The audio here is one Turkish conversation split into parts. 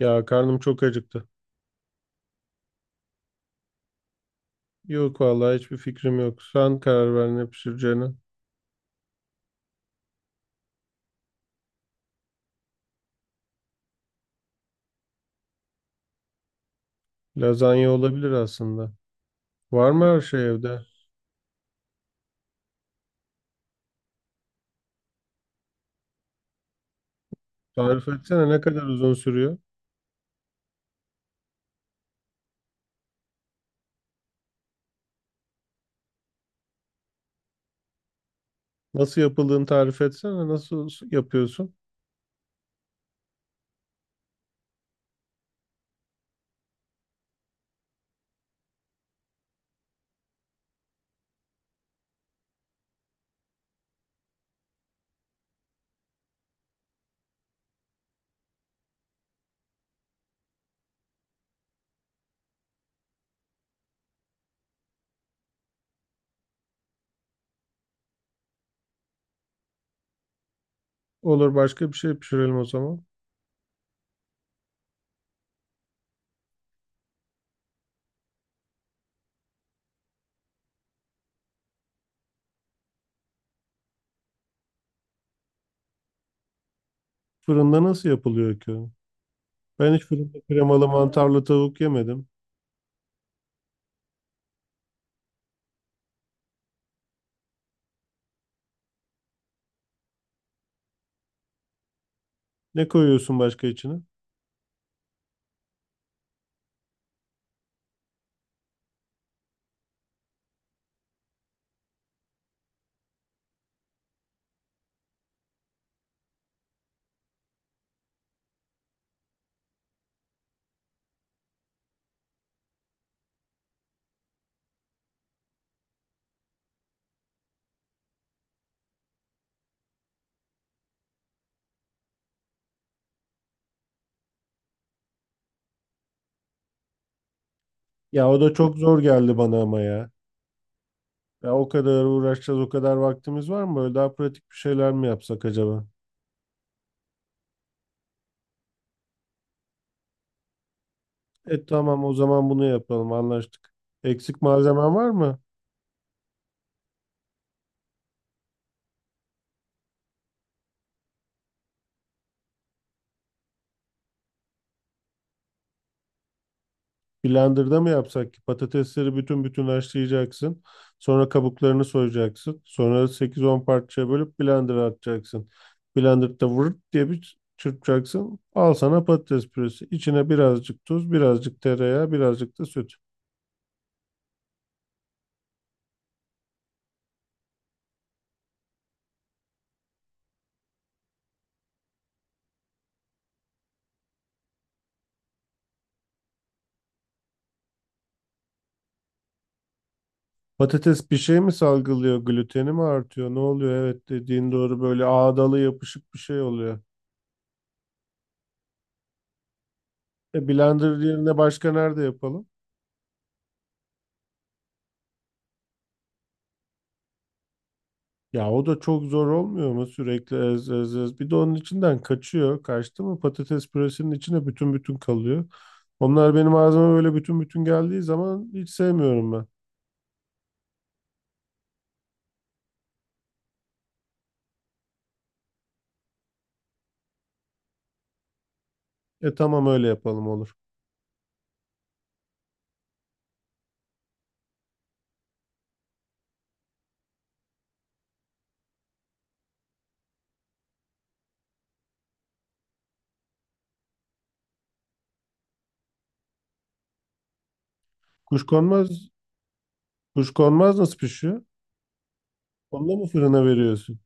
Ya karnım çok acıktı. Yok vallahi hiçbir fikrim yok. Sen karar ver ne pişireceğine. Lazanya olabilir aslında. Var mı her şey evde? Tarif etsene ne kadar uzun sürüyor? Nasıl yapıldığını tarif etsene. Yapıyorsun? Olur başka bir şey pişirelim o zaman. Fırında nasıl yapılıyor ki? Ben hiç fırında kremalı mantarlı tavuk yemedim. Ne koyuyorsun başka içine? Ya o da çok zor geldi bana ama ya. Ya o kadar uğraşacağız, o kadar vaktimiz var mı? Böyle daha pratik bir şeyler mi yapsak acaba? E tamam o zaman bunu yapalım, anlaştık. Eksik malzemen var mı? Blender'da mı yapsak ki? Patatesleri bütün bütün haşlayacaksın. Sonra kabuklarını soyacaksın. Sonra sekiz on parçaya bölüp blender'a atacaksın. Blender'da vırt diye bir çırpacaksın. Al sana patates püresi. İçine birazcık tuz, birazcık tereyağı, birazcık da süt. Patates bir şey mi salgılıyor? Gluteni mi artıyor? Ne oluyor? Evet, dediğin doğru, böyle ağdalı yapışık bir şey oluyor. E blender yerine başka nerede yapalım? Ya o da çok zor olmuyor mu sürekli ez ez ez. Bir de onun içinden kaçıyor. Kaçtı mı patates püresinin içine bütün bütün kalıyor. Onlar benim ağzıma böyle bütün bütün geldiği zaman hiç sevmiyorum ben. E tamam öyle yapalım, olur. Kuşkonmaz, kuşkonmaz nasıl pişiyor? Onunla mı fırına veriyorsun?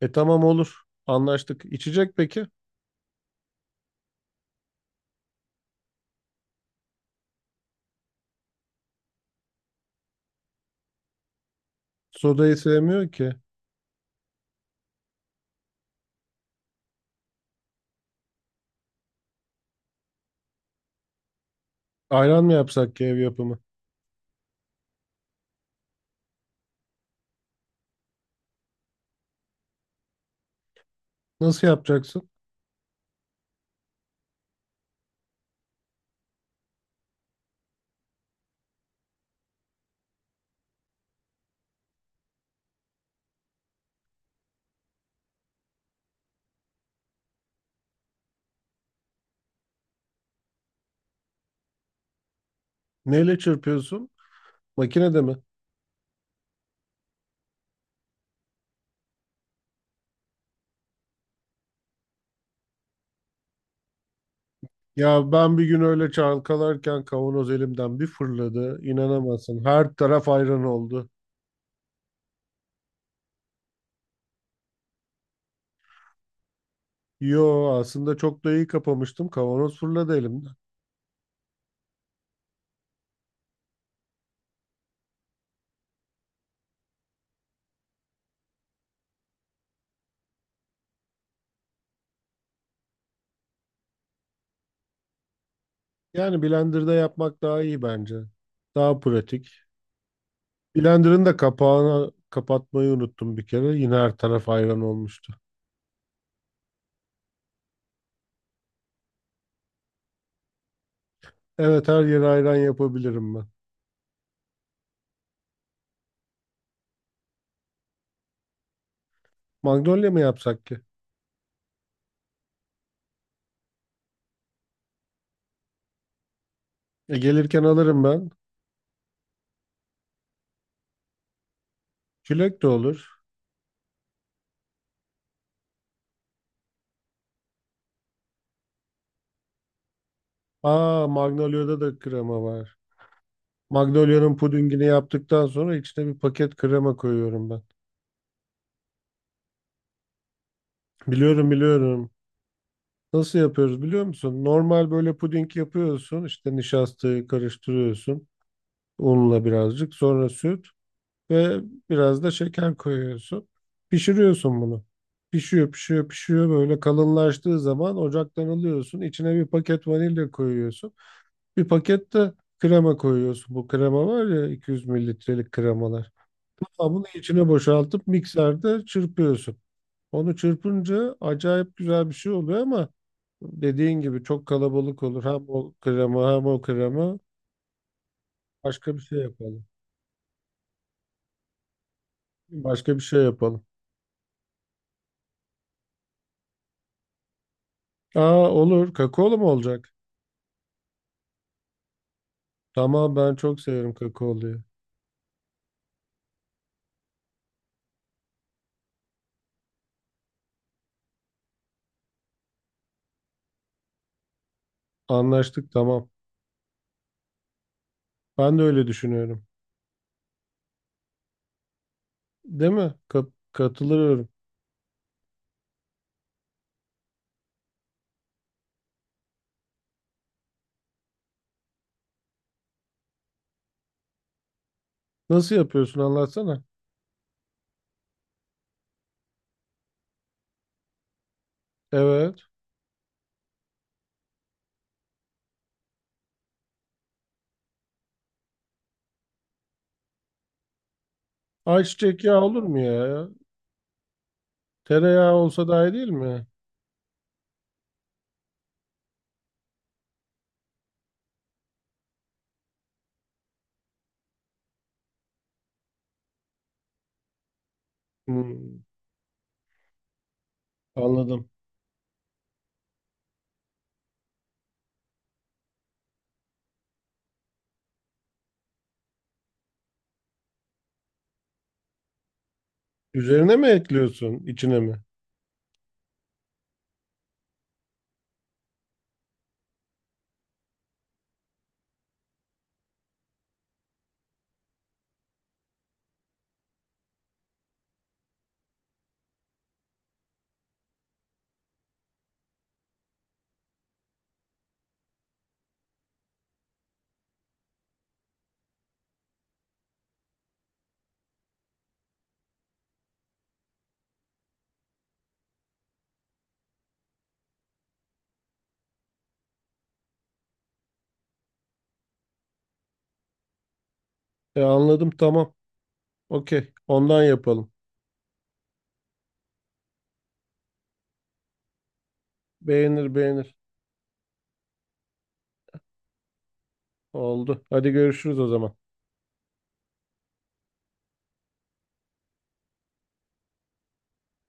E tamam, olur. Anlaştık. İçecek peki? Sodayı sevmiyor ki. Ayran mı yapsak ki ev yapımı? Nasıl yapacaksın? Neyle çırpıyorsun? Makinede mi? Ya ben bir gün öyle çalkalarken kavanoz elimden bir fırladı. İnanamazsın. Her taraf ayran oldu. Yo, aslında çok da iyi kapamıştım. Kavanoz fırladı elimden. Yani blenderda yapmak daha iyi bence. Daha pratik. Blenderın da kapağını kapatmayı unuttum bir kere. Yine her taraf ayran olmuştu. Evet, her yere ayran yapabilirim ben. Magnolia mı yapsak ki? E, gelirken alırım ben. Çilek de olur. Aa, Magnolia'da da krema var. Magnolya'nın pudingini yaptıktan sonra içine bir paket krema koyuyorum ben. Biliyorum, biliyorum. Nasıl yapıyoruz biliyor musun? Normal böyle puding yapıyorsun. İşte nişastayı karıştırıyorsun. Unla birazcık. Sonra süt ve biraz da şeker koyuyorsun. Pişiriyorsun bunu. Pişiyor pişiyor pişiyor, böyle kalınlaştığı zaman ocaktan alıyorsun. İçine bir paket vanilya koyuyorsun. Bir paket de krema koyuyorsun. Bu krema var ya, 200 mililitrelik kremalar. Kabını içine boşaltıp mikserde çırpıyorsun. Onu çırpınca acayip güzel bir şey oluyor ama dediğin gibi çok kalabalık olur. Hem o krema hem o krema. Başka bir şey yapalım. Başka bir şey yapalım. Aa, olur. Kakaolu mu olacak? Tamam, ben çok severim kakaoluyu. Anlaştık, tamam. Ben de öyle düşünüyorum. Değil mi? Katılıyorum. Nasıl yapıyorsun anlatsana. Evet. Ayçiçek yağı olur mu ya? Tereyağı olsa daha iyi değil mi? Hmm, anladım. Üzerine mi ekliyorsun, içine mi? E anladım, tamam. Okey. Ondan yapalım. Beğenir beğenir. Oldu. Hadi görüşürüz o zaman.